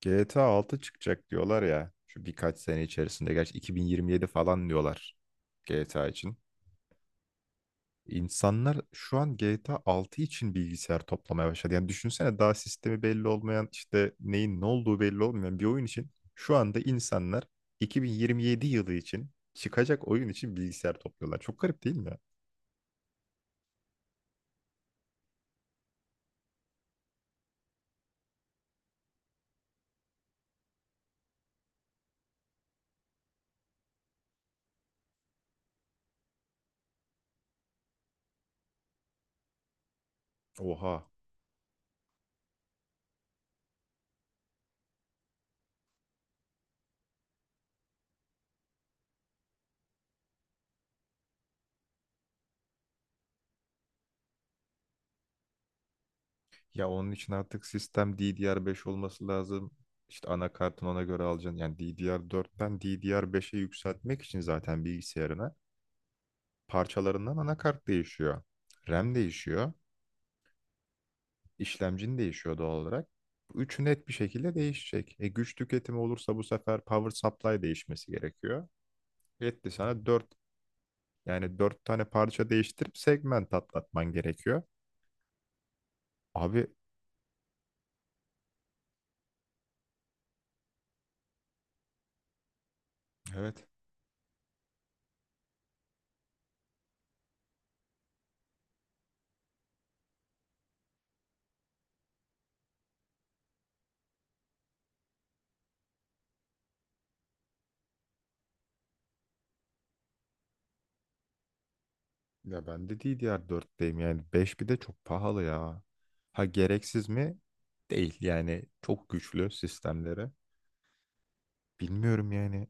GTA 6 çıkacak diyorlar ya. Şu birkaç sene içerisinde. Gerçi 2027 falan diyorlar GTA için. İnsanlar şu an GTA 6 için bilgisayar toplamaya başladı. Yani düşünsene daha sistemi belli olmayan, işte neyin ne olduğu belli olmayan bir oyun için şu anda insanlar 2027 yılı için çıkacak oyun için bilgisayar topluyorlar. Çok garip değil mi ya? Oha. Ya onun için artık sistem DDR5 olması lazım. İşte anakartın ona göre alacaksın. Yani DDR4'ten DDR5'e yükseltmek için zaten bilgisayarına parçalarından anakart değişiyor. RAM değişiyor. İşlemcin değişiyor doğal olarak. Bu üçü net bir şekilde değişecek. E, güç tüketimi olursa bu sefer power supply değişmesi gerekiyor. Etti sana dört, yani 4 tane parça değiştirip segment atlatman gerekiyor. Abi. Evet. Ya ben de DDR 4'teyim, yani 5 bir de çok pahalı ya. Ha, gereksiz mi? Değil yani, çok güçlü sistemleri. Bilmiyorum yani.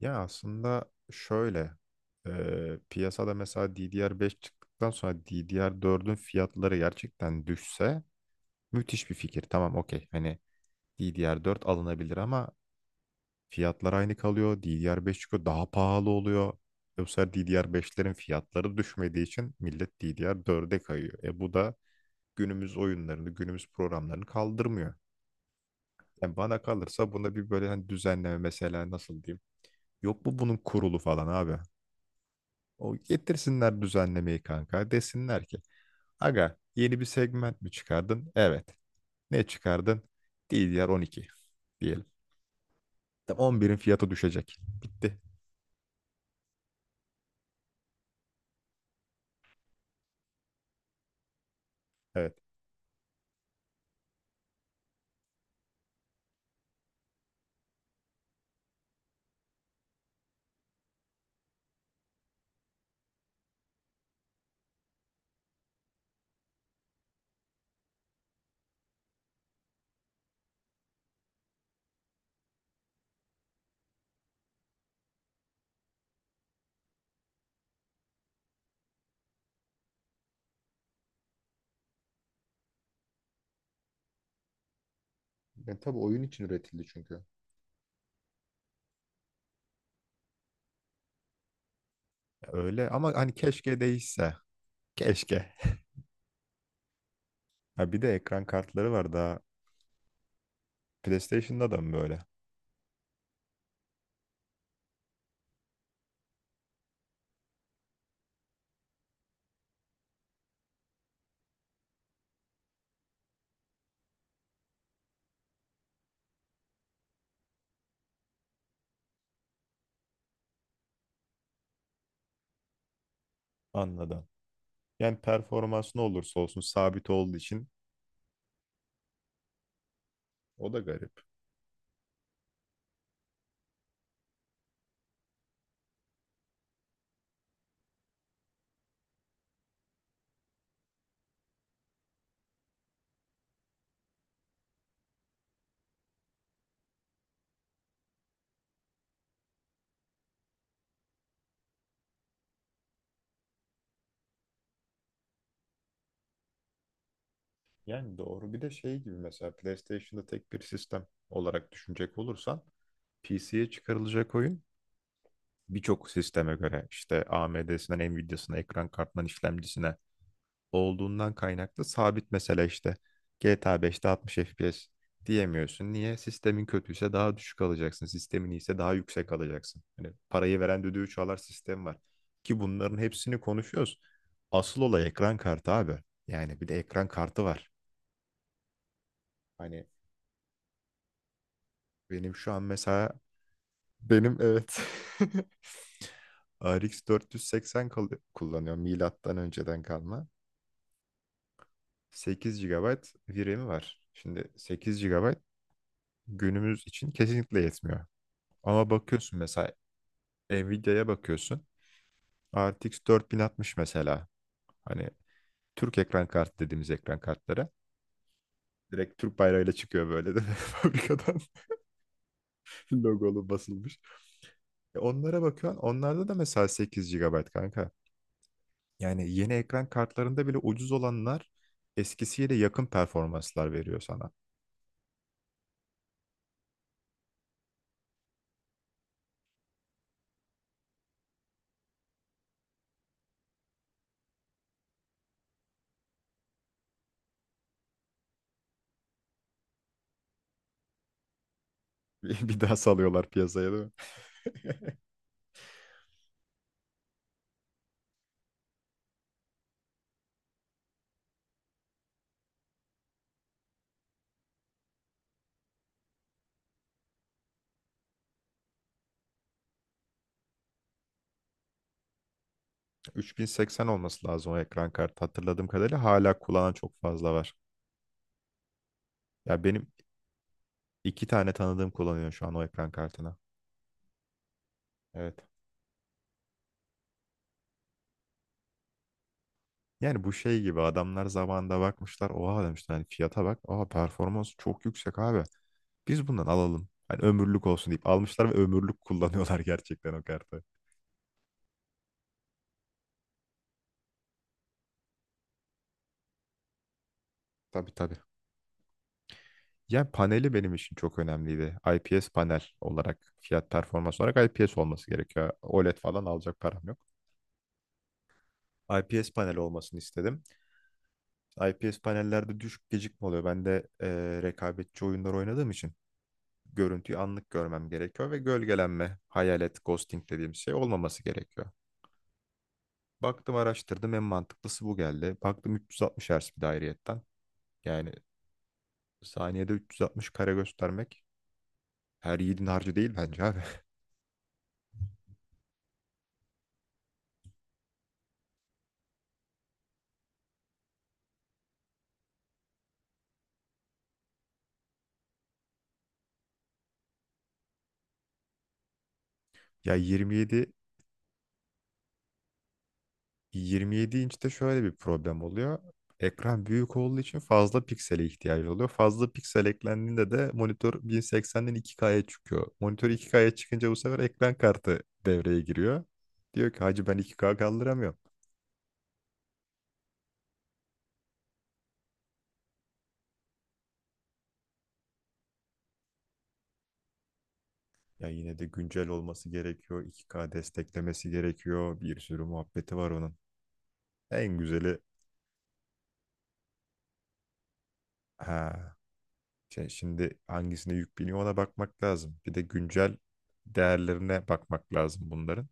Ya aslında şöyle, piyasada mesela DDR5 çıktıktan sonra DDR4'ün fiyatları gerçekten düşse müthiş bir fikir. Tamam, okey, hani DDR4 alınabilir ama fiyatlar aynı kalıyor. DDR5 çıkıyor, daha pahalı oluyor. E, bu sefer DDR5'lerin fiyatları düşmediği için millet DDR4'e kayıyor. E, bu da günümüz oyunlarını, günümüz programlarını kaldırmıyor. Yani bana kalırsa buna bir böyle hani düzenleme, mesela nasıl diyeyim? Yok mu bunun kurulu falan abi? O getirsinler düzenlemeyi kanka. Desinler ki aga, yeni bir segment mi çıkardın? Evet. Ne çıkardın? DDR12 diyelim. Tamam, 11'in fiyatı düşecek. Bitti. Evet. Yani tabii oyun için üretildi çünkü. Öyle ama hani keşke değişse. Keşke. Ha, bir de ekran kartları var daha. PlayStation'da da mı böyle? Anladım. Yani performans ne olursa olsun sabit olduğu için o da garip. Yani doğru. Bir de şey gibi, mesela PlayStation'da tek bir sistem olarak düşünecek olursan PC'ye çıkarılacak oyun birçok sisteme göre, işte AMD'sinden Nvidia'sına, ekran kartından işlemcisine olduğundan kaynaklı sabit, mesela işte GTA 5'te 60 FPS diyemiyorsun. Niye? Sistemin kötüyse daha düşük alacaksın. Sistemin iyiyse daha yüksek alacaksın. Hani parayı veren düdüğü çalar sistem var. Ki bunların hepsini konuşuyoruz. Asıl olay ekran kartı abi. Yani bir de ekran kartı var. Hani benim şu an mesela, benim, evet, RX 480 kullanıyorum, milattan önceden kalma. 8 GB RAM'i var. Şimdi 8 GB günümüz için kesinlikle yetmiyor. Ama bakıyorsun mesela, Nvidia'ya bakıyorsun. RTX 4060 mesela. Hani Türk ekran kartı dediğimiz ekran kartları. Direkt Türk bayrağıyla çıkıyor böyle de fabrikadan logolu basılmış. E, onlara bakıyorsun. Onlarda da mesela 8 GB kanka. Yani yeni ekran kartlarında bile ucuz olanlar eskisiyle yakın performanslar veriyor sana. Bir daha salıyorlar piyasaya, değil mi? 3080 olması lazım o ekran kartı. Hatırladığım kadarıyla hala kullanan çok fazla var. Ya benim iki tane tanıdığım kullanıyor şu an o ekran kartını. Evet. Yani bu şey gibi, adamlar zamanında bakmışlar. Oha demişler, hani fiyata bak. Oha, performans çok yüksek abi. Biz bundan alalım. Hani ömürlük olsun deyip almışlar ve ömürlük kullanıyorlar gerçekten o kartı. Tabii tabii. Yani paneli benim için çok önemliydi. IPS panel olarak, fiyat performans olarak IPS olması gerekiyor. OLED falan alacak param yok. IPS panel olmasını istedim. IPS panellerde düşük gecikme oluyor. Ben de rekabetçi oyunlar oynadığım için görüntüyü anlık görmem gerekiyor ve gölgelenme, hayalet, ghosting dediğim şey olmaması gerekiyor. Baktım, araştırdım, en mantıklısı bu geldi. Baktım 360 Hz bir dairiyetten. Yani saniyede 360 kare göstermek her yiğidin harcı değil bence abi. Ya, 27 inçte şöyle bir problem oluyor. Ekran büyük olduğu için fazla piksele ihtiyacı oluyor. Fazla piksel eklendiğinde de monitör 1080'den 2K'ya çıkıyor. Monitör 2K'ya çıkınca bu sefer ekran kartı devreye giriyor. Diyor ki hacı, ben 2K kaldıramıyorum. Ya yine de güncel olması gerekiyor. 2K desteklemesi gerekiyor. Bir sürü muhabbeti var onun. En güzeli, ha, şimdi hangisine yük biniyor ona bakmak lazım. Bir de güncel değerlerine bakmak lazım bunların.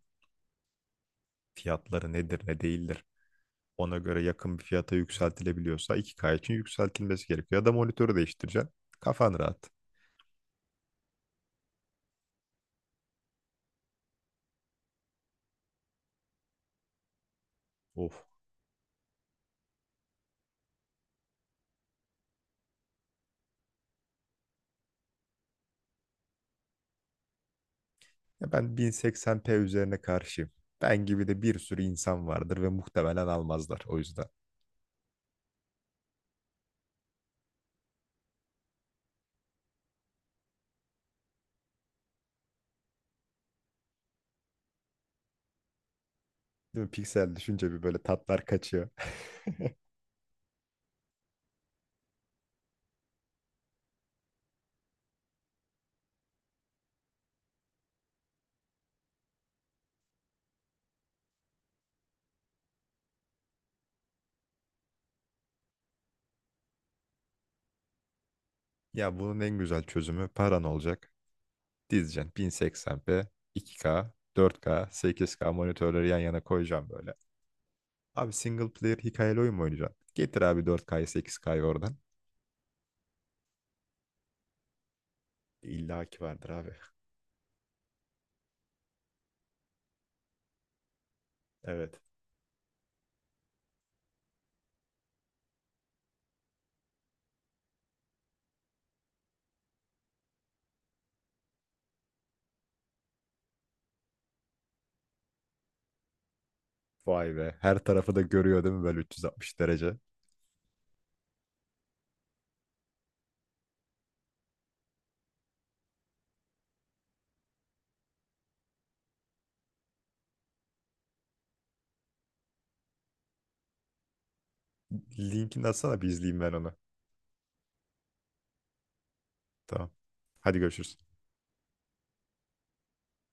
Fiyatları nedir ne değildir, ona göre yakın bir fiyata yükseltilebiliyorsa 2K için yükseltilmesi gerekiyor. Ya da monitörü değiştireceksin. Kafan rahat. Of. Ya ben 1080p üzerine karşıyım. Ben gibi de bir sürü insan vardır ve muhtemelen almazlar o yüzden. Değil mi? Piksel düşünce bir böyle tatlar kaçıyor. Ya bunun en güzel çözümü paran olacak. Dizeceksin 1080p, 2K, 4K, 8K monitörleri yan yana koyacağım böyle. Abi, single player hikayeli oyun mu oynayacaksın? Getir abi 4K'yı 8K'yı oradan. İlla ki vardır abi. Evet. Vay be. Her tarafı da görüyor değil mi böyle 360 derece? Linkini atsana bir izleyeyim ben onu. Tamam. Hadi görüşürüz.